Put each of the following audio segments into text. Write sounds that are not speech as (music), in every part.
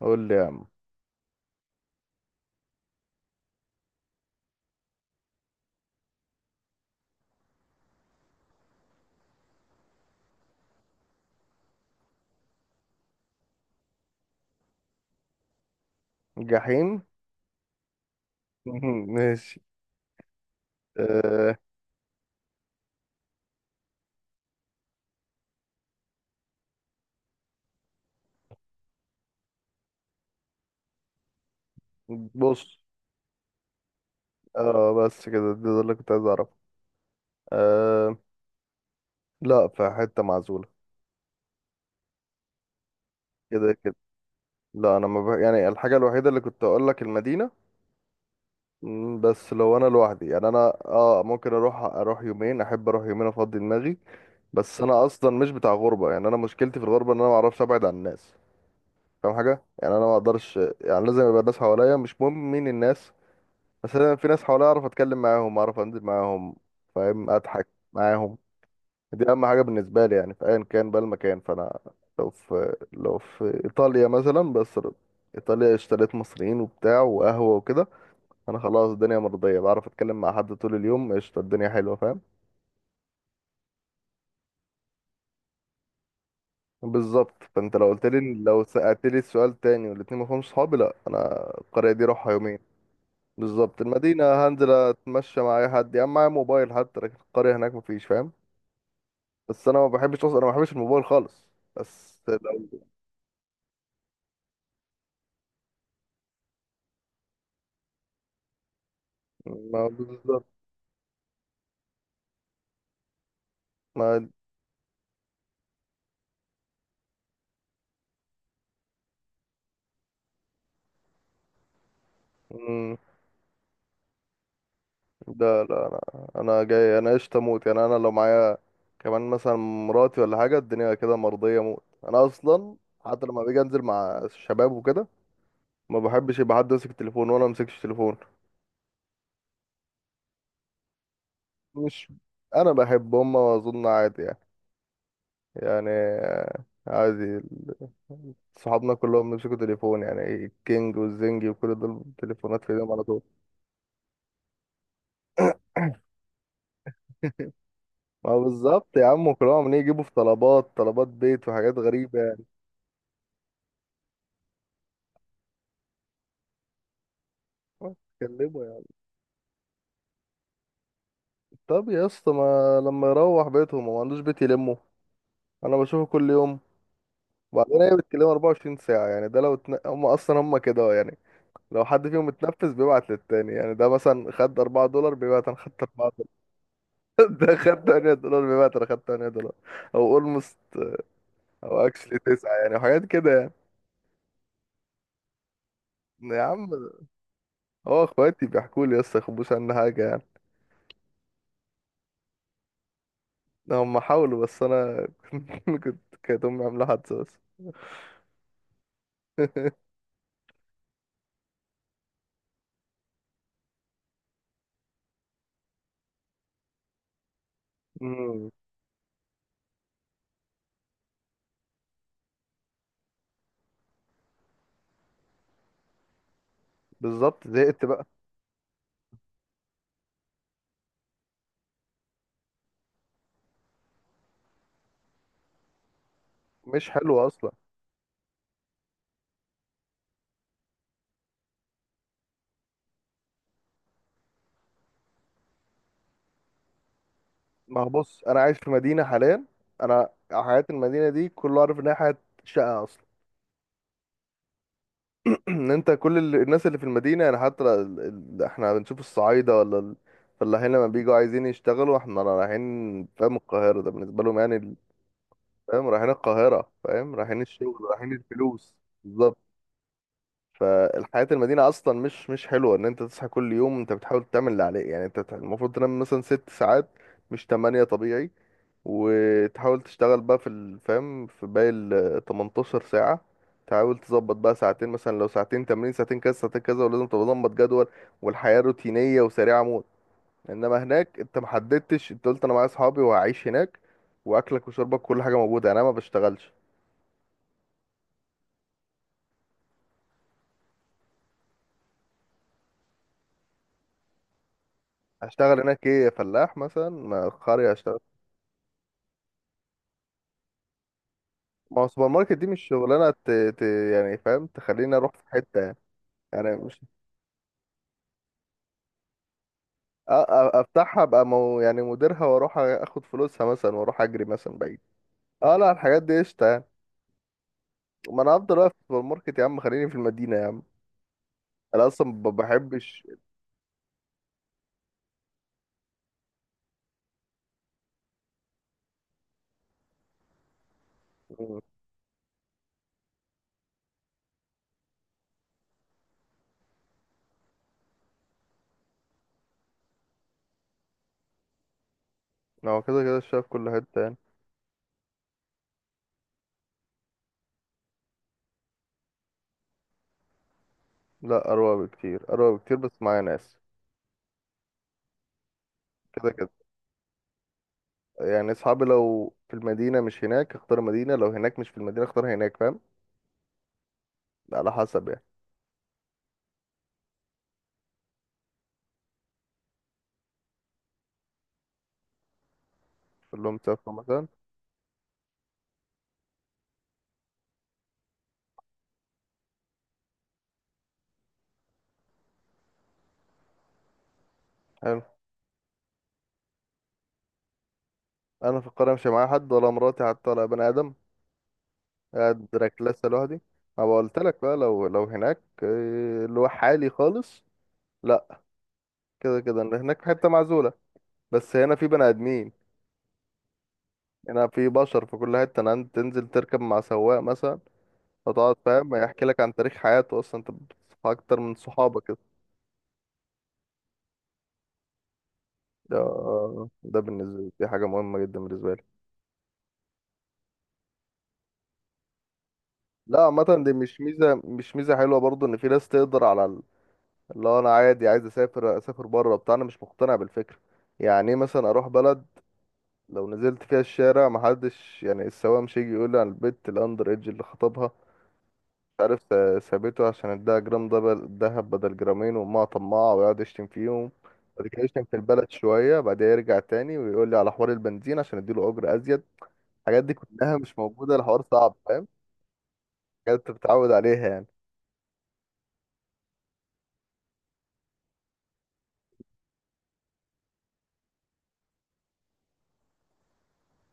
قول لي يا عم. جحيم. (laughs) ماشي. أه. بص. اه، بس كده ده اللي كنت عايز اعرفه. أه. لا، في حتة معزولة. كده كده. لا، انا ما بح... يعني الحاجة الوحيدة اللي كنت اقول لك، المدينة. بس لو انا لوحدي، يعني انا. اه، ممكن اروح يومين، احب اروح يومين افضي دماغي. بس انا اصلا مش بتاع غربة، يعني انا مشكلتي في الغربة ان انا ما اعرفش ابعد عن الناس. فاهم؟ حاجة يعني انا ما اقدرش، يعني لازم يبقى الناس حواليا، مش مهم مين الناس. بس انا في ناس حواليا اعرف اتكلم معاهم، اعرف انزل معاهم. فاهم؟ اضحك معاهم. دي اهم حاجه بالنسبه لي، يعني في ايا كان بقى المكان، فانا لو في ايطاليا مثلا، بس ايطاليا اشتريت مصريين وبتاع وقهوه وكده، انا خلاص. الدنيا مرضيه، بعرف اتكلم مع حد طول اليوم، قشطه. الدنيا حلوه، فاهم؟ بالظبط. فانت لو قلت لي، لو سالت لي السؤال تاني والاتنين ما فيهمش صحابي، لا انا القريه دي اروحها يومين. بالظبط. المدينه هنزل اتمشى مع اي حد يا عم، معايا موبايل حتى، لكن القريه هناك مفيش، فاهم؟ بس انا ما بحبش اصلا، انا ما بحبش الموبايل خالص. بس لو. ما بالظبط. ما. مم. ده لا. انا جاي، انا قشطه موت، يعني انا لو معايا كمان مثلا مراتي ولا حاجه، الدنيا كده مرضيه موت، انا اصلا حتى لما باجي انزل مع الشباب وكده ما بحبش يبقى حد ماسك التليفون وانا ما امسكش تليفون. مش. انا بحب هم، اظن عادي يعني. يعني عادي صحابنا كلهم بيمسكوا تليفون، يعني الكينج والزنجي وكل دول تليفونات في ايديهم على طول. ما بالظبط يا عم، كلهم عمالين يجيبوا في طلبات، طلبات بيت وحاجات غريبة يعني. ما. تتكلموا يعني. طب يا اسطى، ما لما يروح بيتهم هو، ما عندوش بيت يلمه؟ انا بشوفه كل يوم. وبعدين هي بتكلمه 24 ساعة، يعني ده لو هم اصلا هم كده يعني. لو حد فيهم اتنفس بيبعت للتاني، يعني ده مثلا خد 4 دولار، بيبعت انا خدت 4 دولار. (laughs) ده خد 8 دولار، بيبعت انا خدت 8 دولار. او اولموست. او اكشلي 9 يعني، وحاجات كده يعني. يا عم. هو اخواتي بيحكوا لي يا اسطى، يخبوش عن حاجة يعني. هم حاولوا بس انا (laughs) كنت. كانت امي عامله حادثه بس. امم. بالظبط. زهقت بقى. مش حلوه اصلا. ما هو بص، انا عايش في مدينه حاليا. انا حياه المدينه دي كله عارف انها حياه شقه اصلا. (clears throat) ان انت كل الناس اللي في المدينه، يعني حتى احنا بنشوف الصعايده ولا فلاحين لما بيجوا عايزين يشتغلوا احنا رايحين، فاهم؟ القاهره ده بالنسبه لهم، يعني فاهم، رايحين القاهره، فاهم، رايحين الشغل، رايحين الفلوس. بالظبط. فالحياة المدينة أصلا مش حلوة، إن أنت تصحى كل يوم أنت بتحاول تعمل اللي عليك، يعني أنت المفروض تنام مثلا 6 ساعات، مش تمانية، طبيعي. وتحاول تشتغل بقى في الفهم في باقي ال 18 ساعة. تحاول تظبط بقى ساعتين، مثلا لو ساعتين تمرين، ساعتين كذا، ساعتين كذا، ولازم تبقى ظبط جدول. والحياة روتينية وسريعة موت. انما هناك انت محددتش، انت قلت انا معايا اصحابي وهعيش هناك، واكلك وشربك كل حاجة موجودة، يعني انا ما بشتغلش. هشتغل هناك ايه، فلاح مثلا، ما قرية. ما هو سوبر ماركت دي مش شغلانه يعني، فاهم؟ تخليني اروح في حته يعني. يعني مش. افتحها ابقى يعني مديرها، واروح اخد فلوسها مثلا، واروح اجري مثلا بعيد. اه لا، الحاجات دي قشطه يعني. ما انا هفضل واقف في السوبر ماركت يا عم، خليني في المدينه يا عم. انا اصلا ما بحبش. هو كده كده شايف كل حته يعني. لا، اروق بكتير، اروق بكتير، بس معايا ناس. كده كده. يعني اصحابي لو في المدينه مش هناك، اختار مدينه. لو هناك مش في المدينه، اختار هناك، فاهم؟ على حسب يعني. كلهم سافروا مثلا. حلو. انا في القرية مش معايا حد، ولا مراتي حتى، ولا بني ادم. قاعد ركلاسة لوحدي. ما بقولت لك بقى، لو لو هناك إيه، اللي هو حالي خالص. لا. كده كده انا هناك في حتة معزولة. بس هنا في بني ادمين. هنا في بشر في كل حتة، انا عندي تنزل تركب مع سواق مثلا، فتقعد، فاهم، يحكي لك عن تاريخ حياته. اصلا انت بتصحى اكتر من صحابك كده. ده ده بالنسبة لي دي حاجة مهمة جدا بالنسبة لي. لا، عامة دي مش ميزة، مش ميزة حلوة برضو، ان في ناس تقدر على. اللي هو انا عادي، عايز اسافر بره بتاع، انا مش مقتنع بالفكره. يعني ايه مثلا اروح بلد؟ لو نزلت فيها الشارع محدش، يعني السواق مش هيجي يقول لي على البت الاندر ايدج اللي خطبها، مش عارف سابته عشان اداها جرام دبل دهب بدل جرامين، وامها طماعه ويقعد يشتم فيهم. بعد كده يشتم في البلد شويه، بعدها يرجع تاني ويقول لي على حوار البنزين عشان اديله اجر ازيد. الحاجات دي كلها مش موجوده، الحوار صعب، فاهم؟ حاجات انت بتتعود عليها يعني.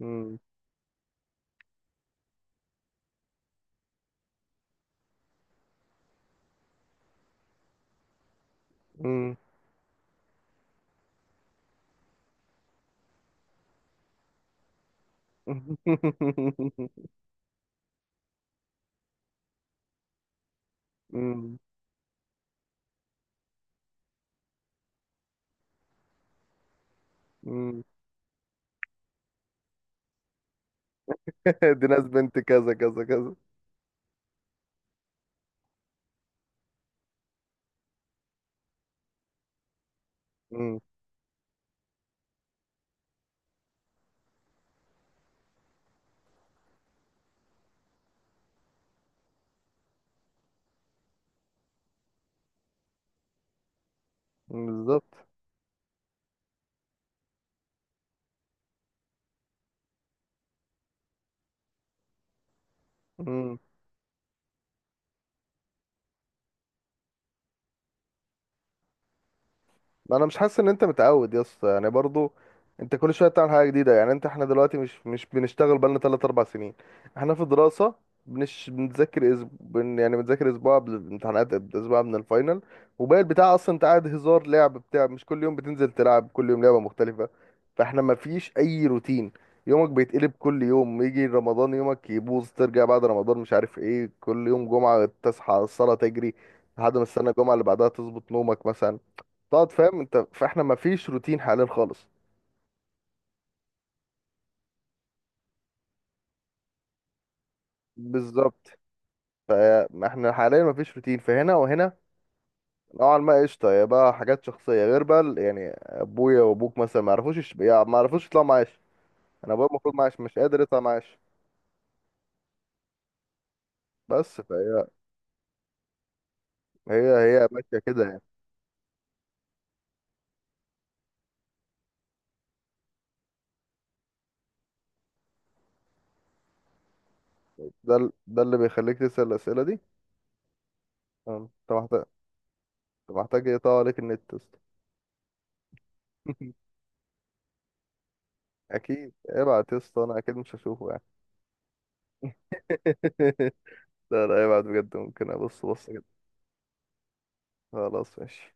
امم. امم. (laughs) (laughs) دي ناس بنت كذا كذا كذا. امم. بالظبط. مم. انا مش حاسس ان انت متعود يا اسطى، يعني برضو انت كل شويه بتعمل حاجه جديده. يعني انت، احنا دلوقتي مش بنشتغل بقالنا 3 4 سنين. احنا في دراسه. بنذاكر يعني بنذاكر اسبوع قبل الامتحانات، اسبوع قبل الفاينل. وباقي البتاع اصلا انت قاعد، هزار، لعب بتاع، مش كل يوم بتنزل تلعب، كل يوم لعبه مختلفه. فاحنا ما فيش اي روتين. يومك بيتقلب كل يوم، يجي رمضان يومك يبوظ، ترجع بعد رمضان مش عارف ايه، كل يوم جمعه تصحى الصلاه تجري، لحد ما السنه الجمعه اللي بعدها تظبط نومك مثلا. تقعد فاهم انت، فاحنا ما فيش روتين حاليا خالص. بالظبط. فاحنا حاليا ما فيش روتين، فهنا وهنا نوعا ما قشطه. يا بقى حاجات شخصيه غير بقى يعني ابويا وابوك مثلا ما يعرفوش يعني ما يعرفوش يطلعوا معاش. انا ابويا المفروض معاش، مش قادر يطلع معاش. بس فهي. هي هي ماشيه كده يعني. ده اللي بيخليك تسال الاسئله دي. اه، انت محتاج يقطع عليك النت يا اسطى. (laughs) اكيد ابعت يا اسطى، انا اكيد مش هشوفه يعني. (laughs) لا، لا، ابعت بجد، ممكن ابص، بص كده. خلاص ماشي.